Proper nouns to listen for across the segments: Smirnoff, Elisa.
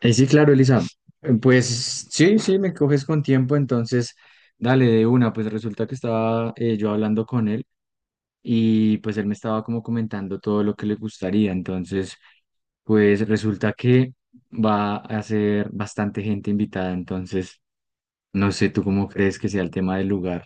Sí, claro, Elisa. Pues sí, me coges con tiempo, entonces dale de una. Pues resulta que estaba yo hablando con él y pues él me estaba como comentando todo lo que le gustaría. Entonces, pues resulta que va a ser bastante gente invitada. Entonces, no sé, ¿tú cómo crees que sea el tema del lugar?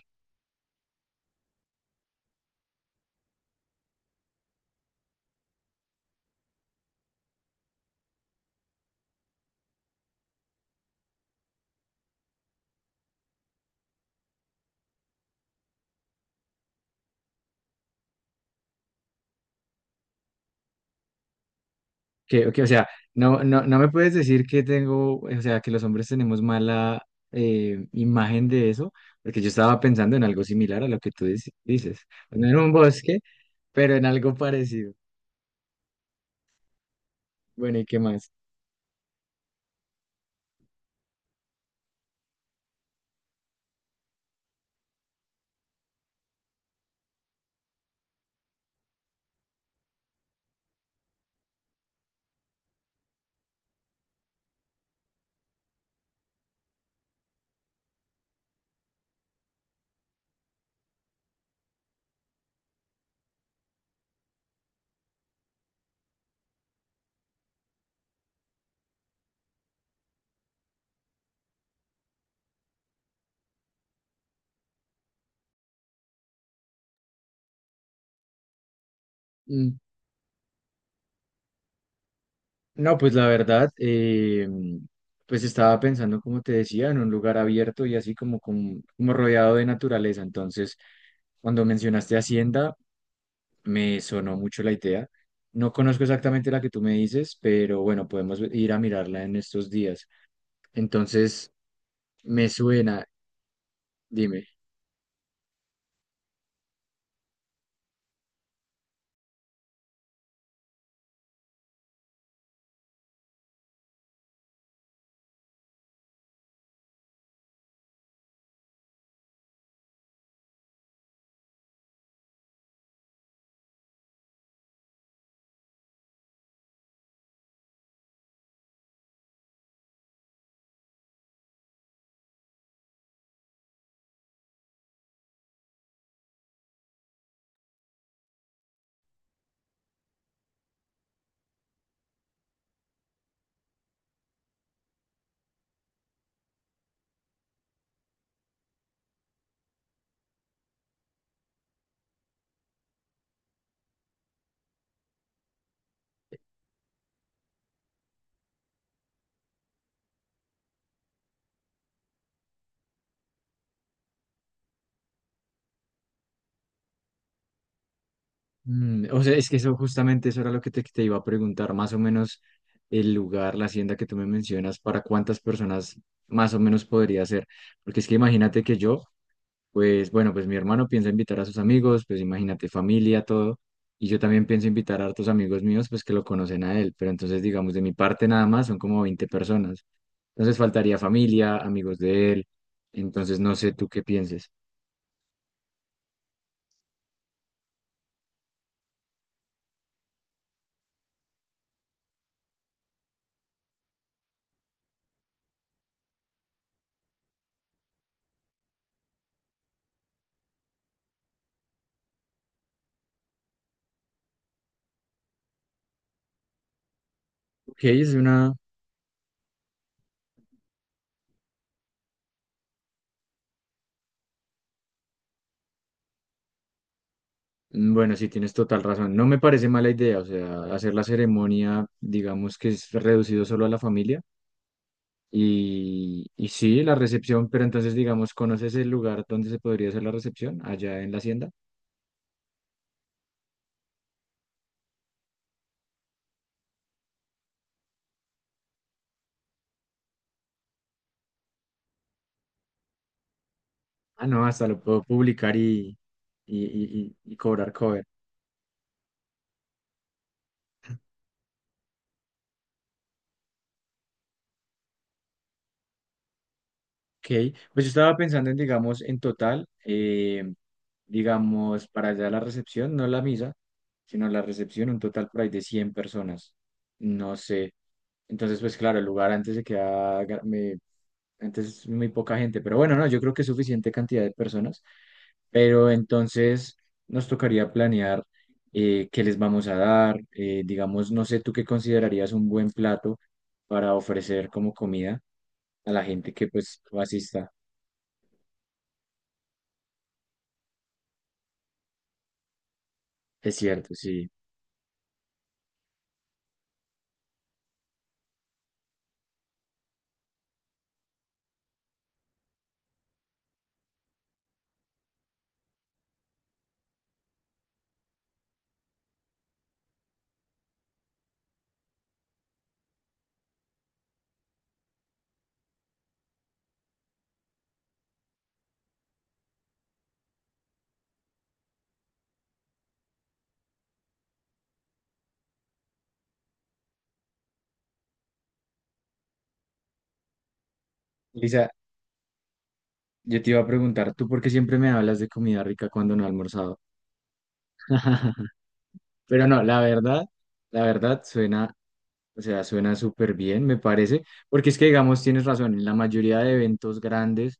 Que, o sea, no, no, no me puedes decir que tengo, o sea, que los hombres tenemos mala imagen de eso, porque yo estaba pensando en algo similar a lo que tú dices. No en un bosque, pero en algo parecido. Bueno, ¿y qué más? Mm. No, pues la verdad, pues estaba pensando, como te decía, en un lugar abierto y así como rodeado de naturaleza. Entonces, cuando mencionaste Hacienda, me sonó mucho la idea. No conozco exactamente la que tú me dices, pero bueno, podemos ir a mirarla en estos días. Entonces, me suena, dime. Mm, o sea, es que eso justamente eso era lo que te iba a preguntar, más o menos el lugar, la hacienda que tú me mencionas, para cuántas personas más o menos podría ser. Porque es que imagínate que yo, pues bueno, pues mi hermano piensa invitar a sus amigos, pues imagínate, familia, todo. Y yo también pienso invitar a hartos amigos míos, pues que lo conocen a él. Pero entonces, digamos, de mi parte nada más son como 20 personas. Entonces faltaría familia, amigos de él. Entonces no sé tú qué pienses. Ok, es una... Mm, bueno, sí, tienes total razón. No me parece mala idea, o sea, hacer la ceremonia, digamos que es reducido solo a la familia. Y sí, la recepción, pero entonces, digamos, ¿conoces el lugar donde se podría hacer la recepción? Allá en la hacienda. Ah, no, hasta lo puedo publicar y, y cobrar cover. Ok, pues yo estaba pensando en, digamos, en total, digamos, para allá la recepción, no la misa, sino la recepción, un total por ahí de 100 personas. No sé. Entonces, pues claro, el lugar antes se queda, antes muy poca gente, pero bueno, no, yo creo que es suficiente cantidad de personas. Pero entonces nos tocaría planear qué les vamos a dar. Digamos, no sé, ¿tú qué considerarías un buen plato para ofrecer como comida a la gente que pues asista? Es cierto, sí. Lisa, yo te iba a preguntar, ¿tú por qué siempre me hablas de comida rica cuando no he almorzado? Pero no, la verdad suena, o sea, suena súper bien, me parece, porque es que, digamos, tienes razón, en la mayoría de eventos grandes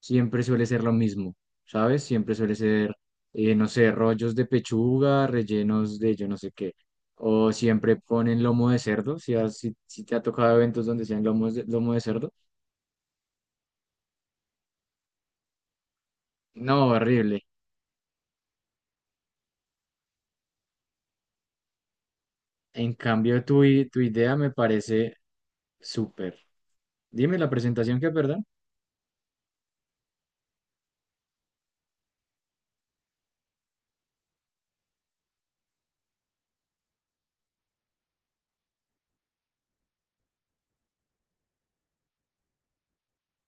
siempre suele ser lo mismo, ¿sabes? Siempre suele ser, no sé, rollos de pechuga, rellenos de yo no sé qué. O siempre ponen lomo de cerdo, si, si, si te ha tocado eventos donde sean lomo de cerdo. No, horrible. En cambio, tu idea me parece súper. Dime la presentación que, perdón.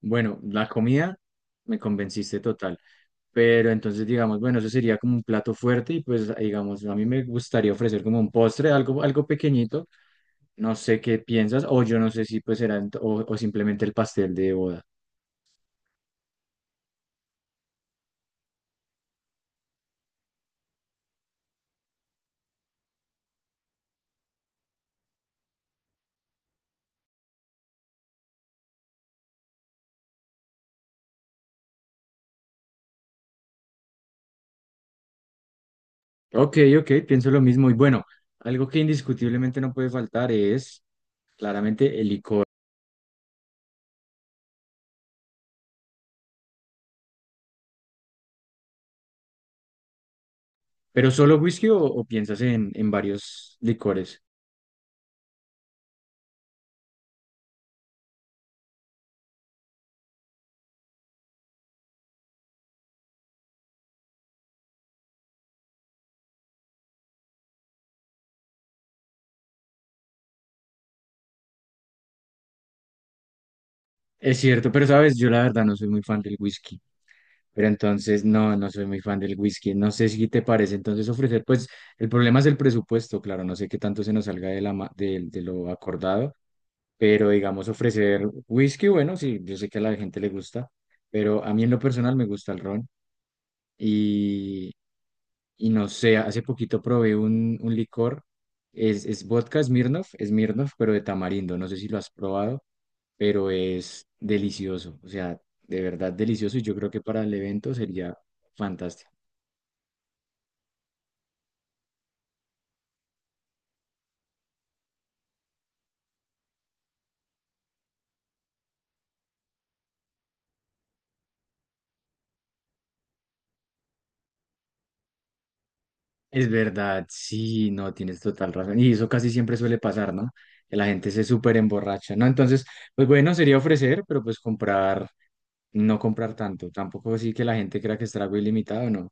Bueno, la comida me convenciste total. Pero entonces, digamos, bueno, eso sería como un plato fuerte y pues, digamos, a mí me gustaría ofrecer como un postre, algo, algo pequeñito. No sé qué piensas, o yo no sé si pues o simplemente el pastel de boda. Ok, ok, pienso lo mismo. Y bueno, algo que indiscutiblemente no puede faltar es claramente el licor. ¿Pero solo whisky o piensas en varios licores? Es cierto, pero sabes, yo la verdad no soy muy fan del whisky. Pero entonces no, no soy muy fan del whisky. No sé si te parece. Entonces ofrecer, pues el problema es el presupuesto, claro, no sé qué tanto se nos salga de lo acordado. Pero digamos, ofrecer whisky, bueno, sí, yo sé que a la gente le gusta, pero a mí en lo personal me gusta el ron. Y, y no sé, hace poquito probé un licor, es vodka Smirnoff, pero de tamarindo, no sé si lo has probado, pero es delicioso, o sea, de verdad delicioso y yo creo que para el evento sería fantástico. Es verdad, sí, no, tienes total razón. Y eso casi siempre suele pasar, ¿no? Que la gente se súper emborracha, ¿no? Entonces, pues bueno, sería ofrecer, pero pues comprar, no comprar tanto, tampoco así que la gente crea que es trago ilimitado, no.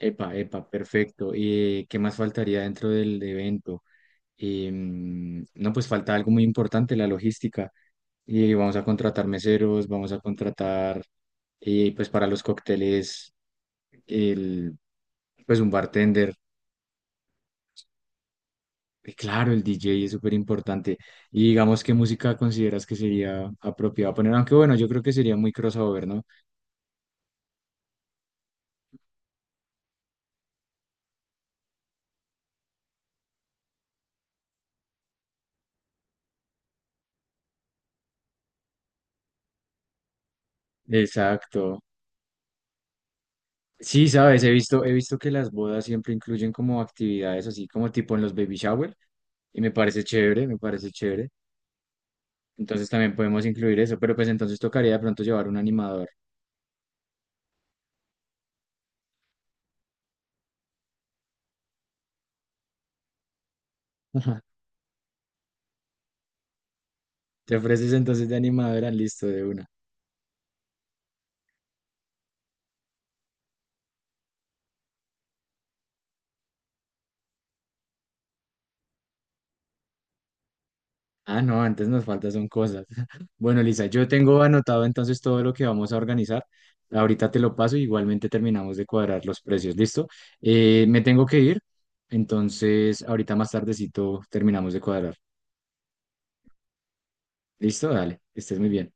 Epa, epa, perfecto. ¿Y qué más faltaría dentro del evento? No, pues falta algo muy importante, la logística. Y vamos a contratar meseros, vamos a contratar, pues para los cócteles, el, pues un bartender. Y claro, el DJ es súper importante. Y digamos, ¿qué música consideras que sería apropiada poner? Aunque bueno, yo creo que sería muy crossover, ¿no? Exacto. Sí, sabes, he visto que las bodas siempre incluyen como actividades así como tipo en los baby shower y me parece chévere, me parece chévere. Entonces también podemos incluir eso, pero pues entonces tocaría de pronto llevar un animador. ¿Te ofreces entonces de animadora? Listo, de una. Ah, no, antes nos faltan son cosas. Bueno, Lisa, yo tengo anotado entonces todo lo que vamos a organizar. Ahorita te lo paso, igualmente terminamos de cuadrar los precios, ¿listo? Me tengo que ir, entonces ahorita más tardecito terminamos de cuadrar. Listo, dale, que estés muy bien.